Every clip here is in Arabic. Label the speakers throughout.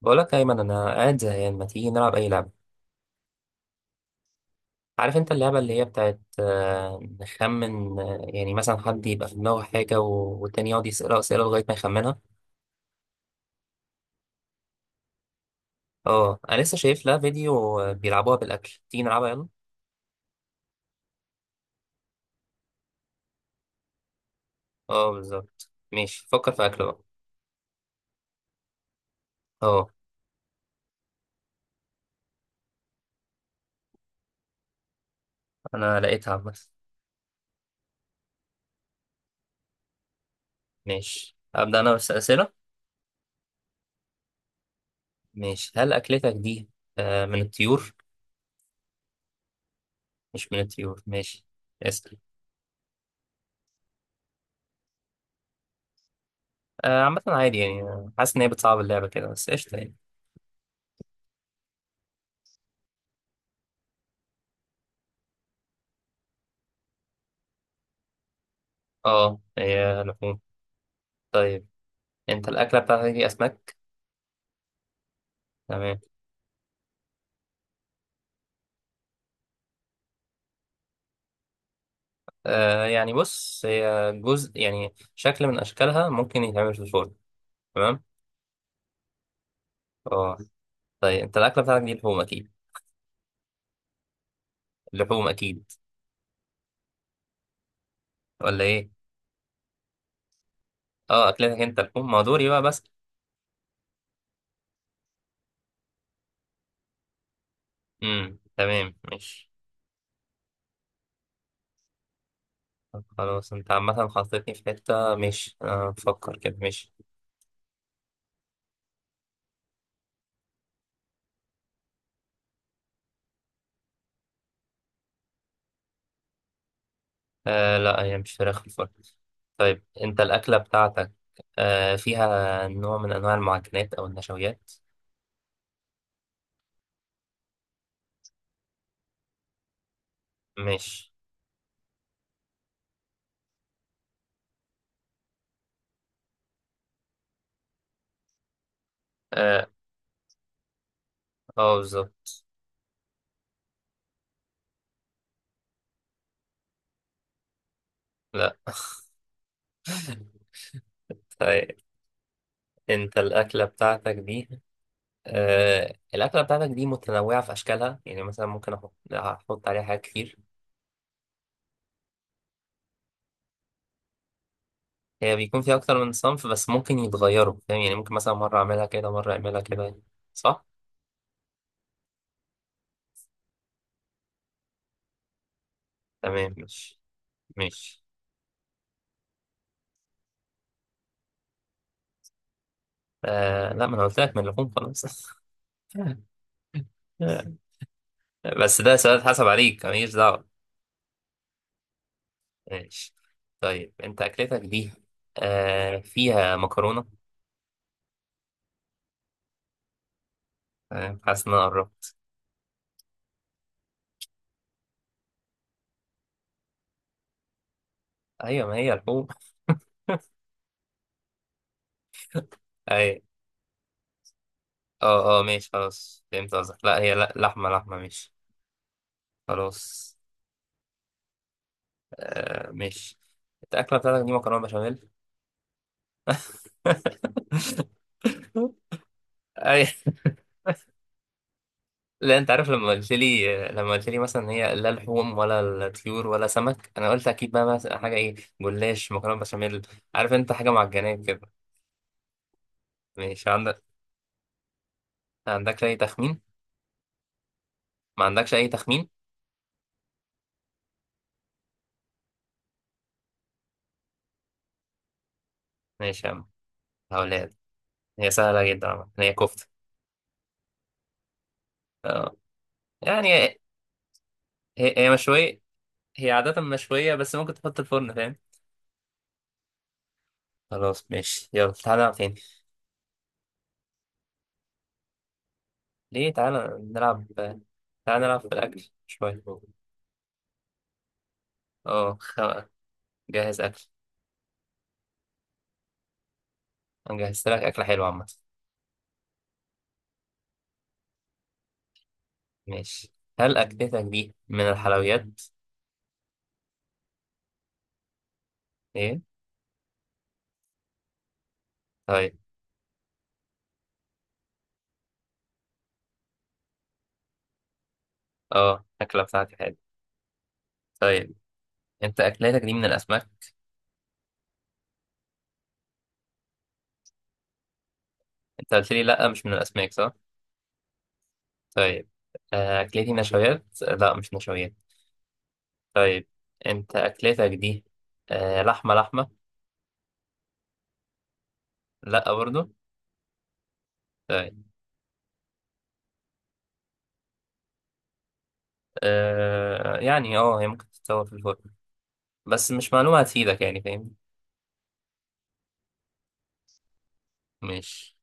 Speaker 1: بقولك يا أيمن، أنا قاعد زهقان، ما تيجي نلعب أي لعبة؟ عارف أنت اللعبة اللي هي بتاعت نخمن، يعني مثلا حد يبقى في دماغه حاجة والتاني يقعد يسأله أسئلة لغاية ما يخمنها. أه، أنا لسه شايف لها فيديو، بيلعبوها بالأكل. تيجي نلعبها يلا. أه، بالظبط. ماشي، فكر في أكل بقى. أه. أنا لقيتها بس. ماشي، أبدأ أنا بس أسئلة. ماشي، هل أكلتك دي من الطيور؟ مش من الطيور، ماشي. اسأل. عامة عادي يعني، حاسس إن هي بتصعب اللعبة كده، بس قشطة يعني. أه، هي لحوم. طيب، انت الاكله بتاعتك دي اسماك؟ تمام. يعني بص، هي جزء، يعني شكل من اشكالها ممكن يتعمل في شوربه. تمام. اه. طيب، انت الاكله بتاعتك دي لحوم اكيد؟ لحوم اكيد؟ ولا ايه؟ اه، اكلتك انت لحوم؟ ما دوري بقى بس. تمام، ماشي. طب خلاص، انت عامه حطيتني في حته. ماشي، انا بفكر كده. ماشي. آه لا، هي مش فراخ في الفرن. طيب، انت الاكله بتاعتك فيها نوع من انواع المعجنات او النشويات؟ ماشي. اه. آه، بالظبط. لا. طيب، انت الاكله بتاعتك دي، الاكله بتاعتك دي متنوعه في اشكالها، يعني مثلا ممكن احط عليها حاجات كتير؟ هي بيكون فيها اكتر من صنف، بس ممكن يتغيروا فاهم، يعني ممكن مثلا مره اعملها كده، مره اعملها كده. صح. تمام. مش. مش. آه لا، ما انا قلت لك من اللحوم خلاص. بس ده سؤال حسب عليك، ماليش دعوه. ماشي. طيب، انت اكلتك دي فيها مكرونه. حاسس ان انا قربت. ايوه، ما هي لحوم. ايوه. اه، اه، ماشي خلاص، فهمت قصدك. لا هي لا لحمة لحمة ماشي، خلاص. آه، ماشي. انت الأكلة بتاعتك دي مكرونة بشاميل. أي. لا، انت عارف، لما قلت لي مثلا هي لا لحوم ولا الطيور ولا سمك، انا قلت اكيد بقى مثلا حاجة ايه. جلاش، مكرونة بشاميل. عارف انت، حاجة معجنات كده. ماشي، عندك؟ ما عندكش اي تخمين؟ ما عندكش اي تخمين؟ ماشي يا عم، هقولها لك. هي سهلة جدا عم. هي كفتة. اه. يعني هي هي مشوية. هي عادة مشوية، بس ممكن تحط الفرن فاهم. خلاص ماشي، يلا تعالى نلعب تاني. ليه، تعالى نلعب. تعالى نلعب في الأكل شوية. اه. جهز أكل. أنا جهزت لك أكلة حلوة عامة. ماشي. هل أكلتك دي من الحلويات؟ ايه؟ طيب. اه، الأكلة بتاعتي حلوة. طيب. أنت أكلتك دي من الأسماك؟ أنت قلت لي لأ، مش من الأسماك صح؟ طيب. أكلتي نشويات؟ لأ، مش نشويات. طيب، أنت أكلتك دي لحمة لحمة؟ لأ برضو. طيب. يعني هي ممكن تتطور في الفرن، بس مش معلومة هتفيدك يعني فاهم. مش.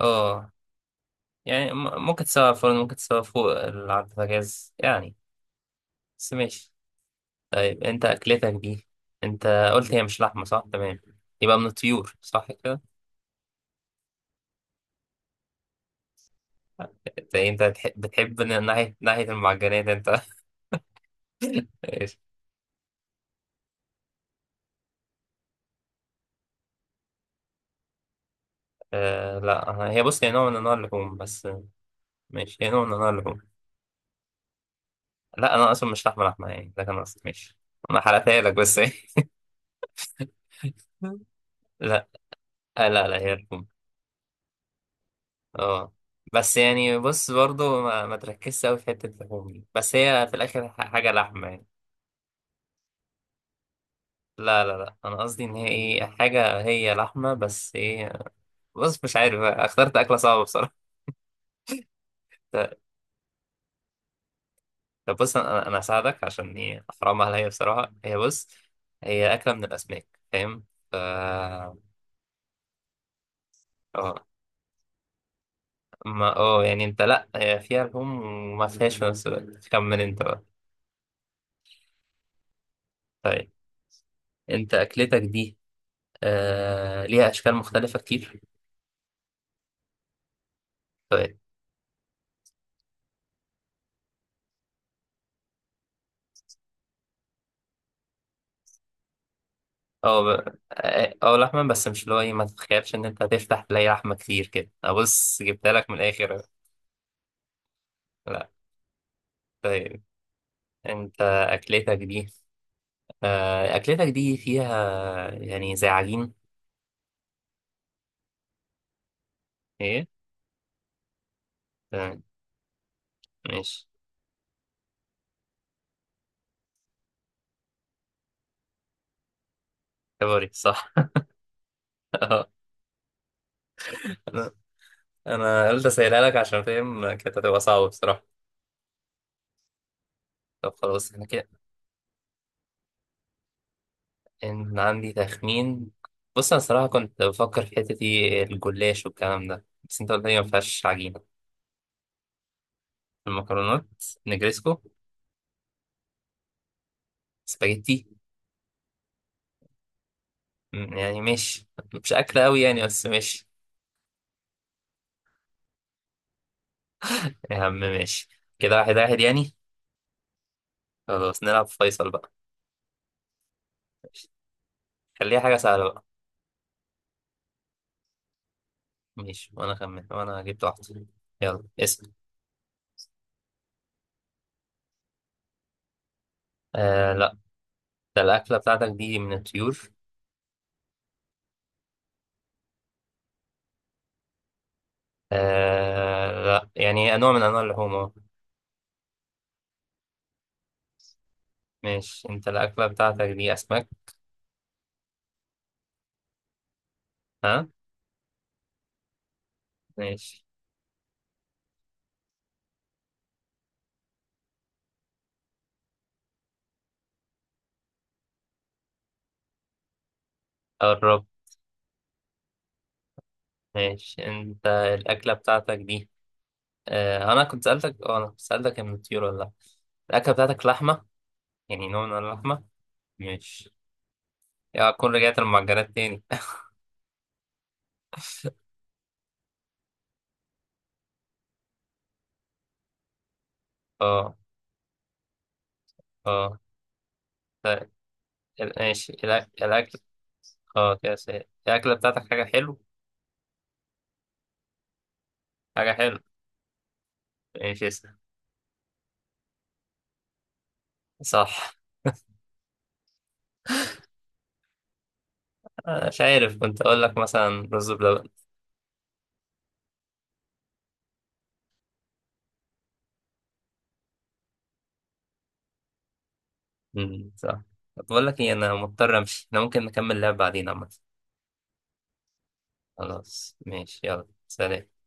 Speaker 1: اه. يعني ممكن تسوي على الفرن، ممكن تسوي فوق على البوتاجاز يعني. بس ماشي. طيب، انت اكلتك دي، انت قلت هي مش لحمة صح تمام؟ يبقى من الطيور صح كده؟ انت بتحب ناحية المعجنات انت. ماشي. آه لا، هي بص، هي نوع من انواع اللحوم بس. ماشي، هي نوع من انواع اللحوم. لا انا اصلا مش لحمة لحمة يعني، ده كان قصدي. ماشي، انا حرقتها لك بس. لا، آه لا لا، هي الروم. اه. بس يعني بص، برضو ما تركزش قوي في حتة اللحوم دي، بس هي في الآخر حاجة لحمة يعني. لا لا لا، أنا قصدي إن هي إيه، حاجة هي لحمة بس إيه. بص مش عارف بقى، اخترت أكلة صعبة بصراحة. ط- طب بص، أنا هساعدك عشان إيه، أحرام عليا بصراحة. هي بص، هي أكلة من الأسماك فاهم. ف اه. ما، اه يعني، أنت لأ، هي فيها لحوم وما فيهاش في نفس الوقت. خمن أنت بقى. طيب. أنت أكلتك دي ليها أشكال مختلفة كتير؟ طيب. أو، لحمة بس، مش اللي هو إيه، ما تتخيلش إن أنت هتفتح تلاقي لحمة كتير كده. أبص جبتها لك من الآخر. لا. طيب، أنت أكلتك دي أكلتك دي فيها يعني زي عجين؟ إيه. تمام. ماشي. كابوري، صح. أنا أنا قلت أسألها لك عشان فاهم، كانت هتبقى صعبة بصراحة. طب خلاص، احنا كده. إن عندي تخمين. بص أنا صراحة كنت بفكر في حتة إيه، الجلاش والكلام ده، بس أنت قلت لي ما فيهاش عجينة. المكرونات. نجريسكو. سباجيتي. يعني ماشي. مش أكل أوي يعني، بس ماشي. يا عم ماشي. كده واحد واحد يعني. خلاص، نلعب فيصل بقى. ماشي. خليها حاجة سهلة بقى. ماشي، وأنا خمن وأنا جبت واحدة. يلا اسم. آه لا. ده الأكلة بتاعتك دي من الطيور؟ آه لا، يعني نوع من أنواع اللحوم أهو. ماشي، أنت الأكلة بتاعتك دي أسماك؟ ها. ماشي، قرب. ماشي، انت الأكلة بتاعتك دي، اه أنا كنت سألتك من الطيور ولا لأ؟ الأكلة بتاعتك لحمة؟ يعني نوع من اللحمة. ماشي، يا أكون رجعت المعجنات تاني. اه، اه. طيب، ماشي الأكل. اه كده سهل، الأكلة بتاعتك حاجة حلو؟ حاجة حلو. ماشي، اسأل. صح. أنا مش عارف، كنت أقول لك مثلا رز بلبن. مم، صح. طب بقول لك إيه، أنا مضطر أمشي، أنا ممكن نكمل لعب بعدين عامة. خلاص ماشي، يلا سلام.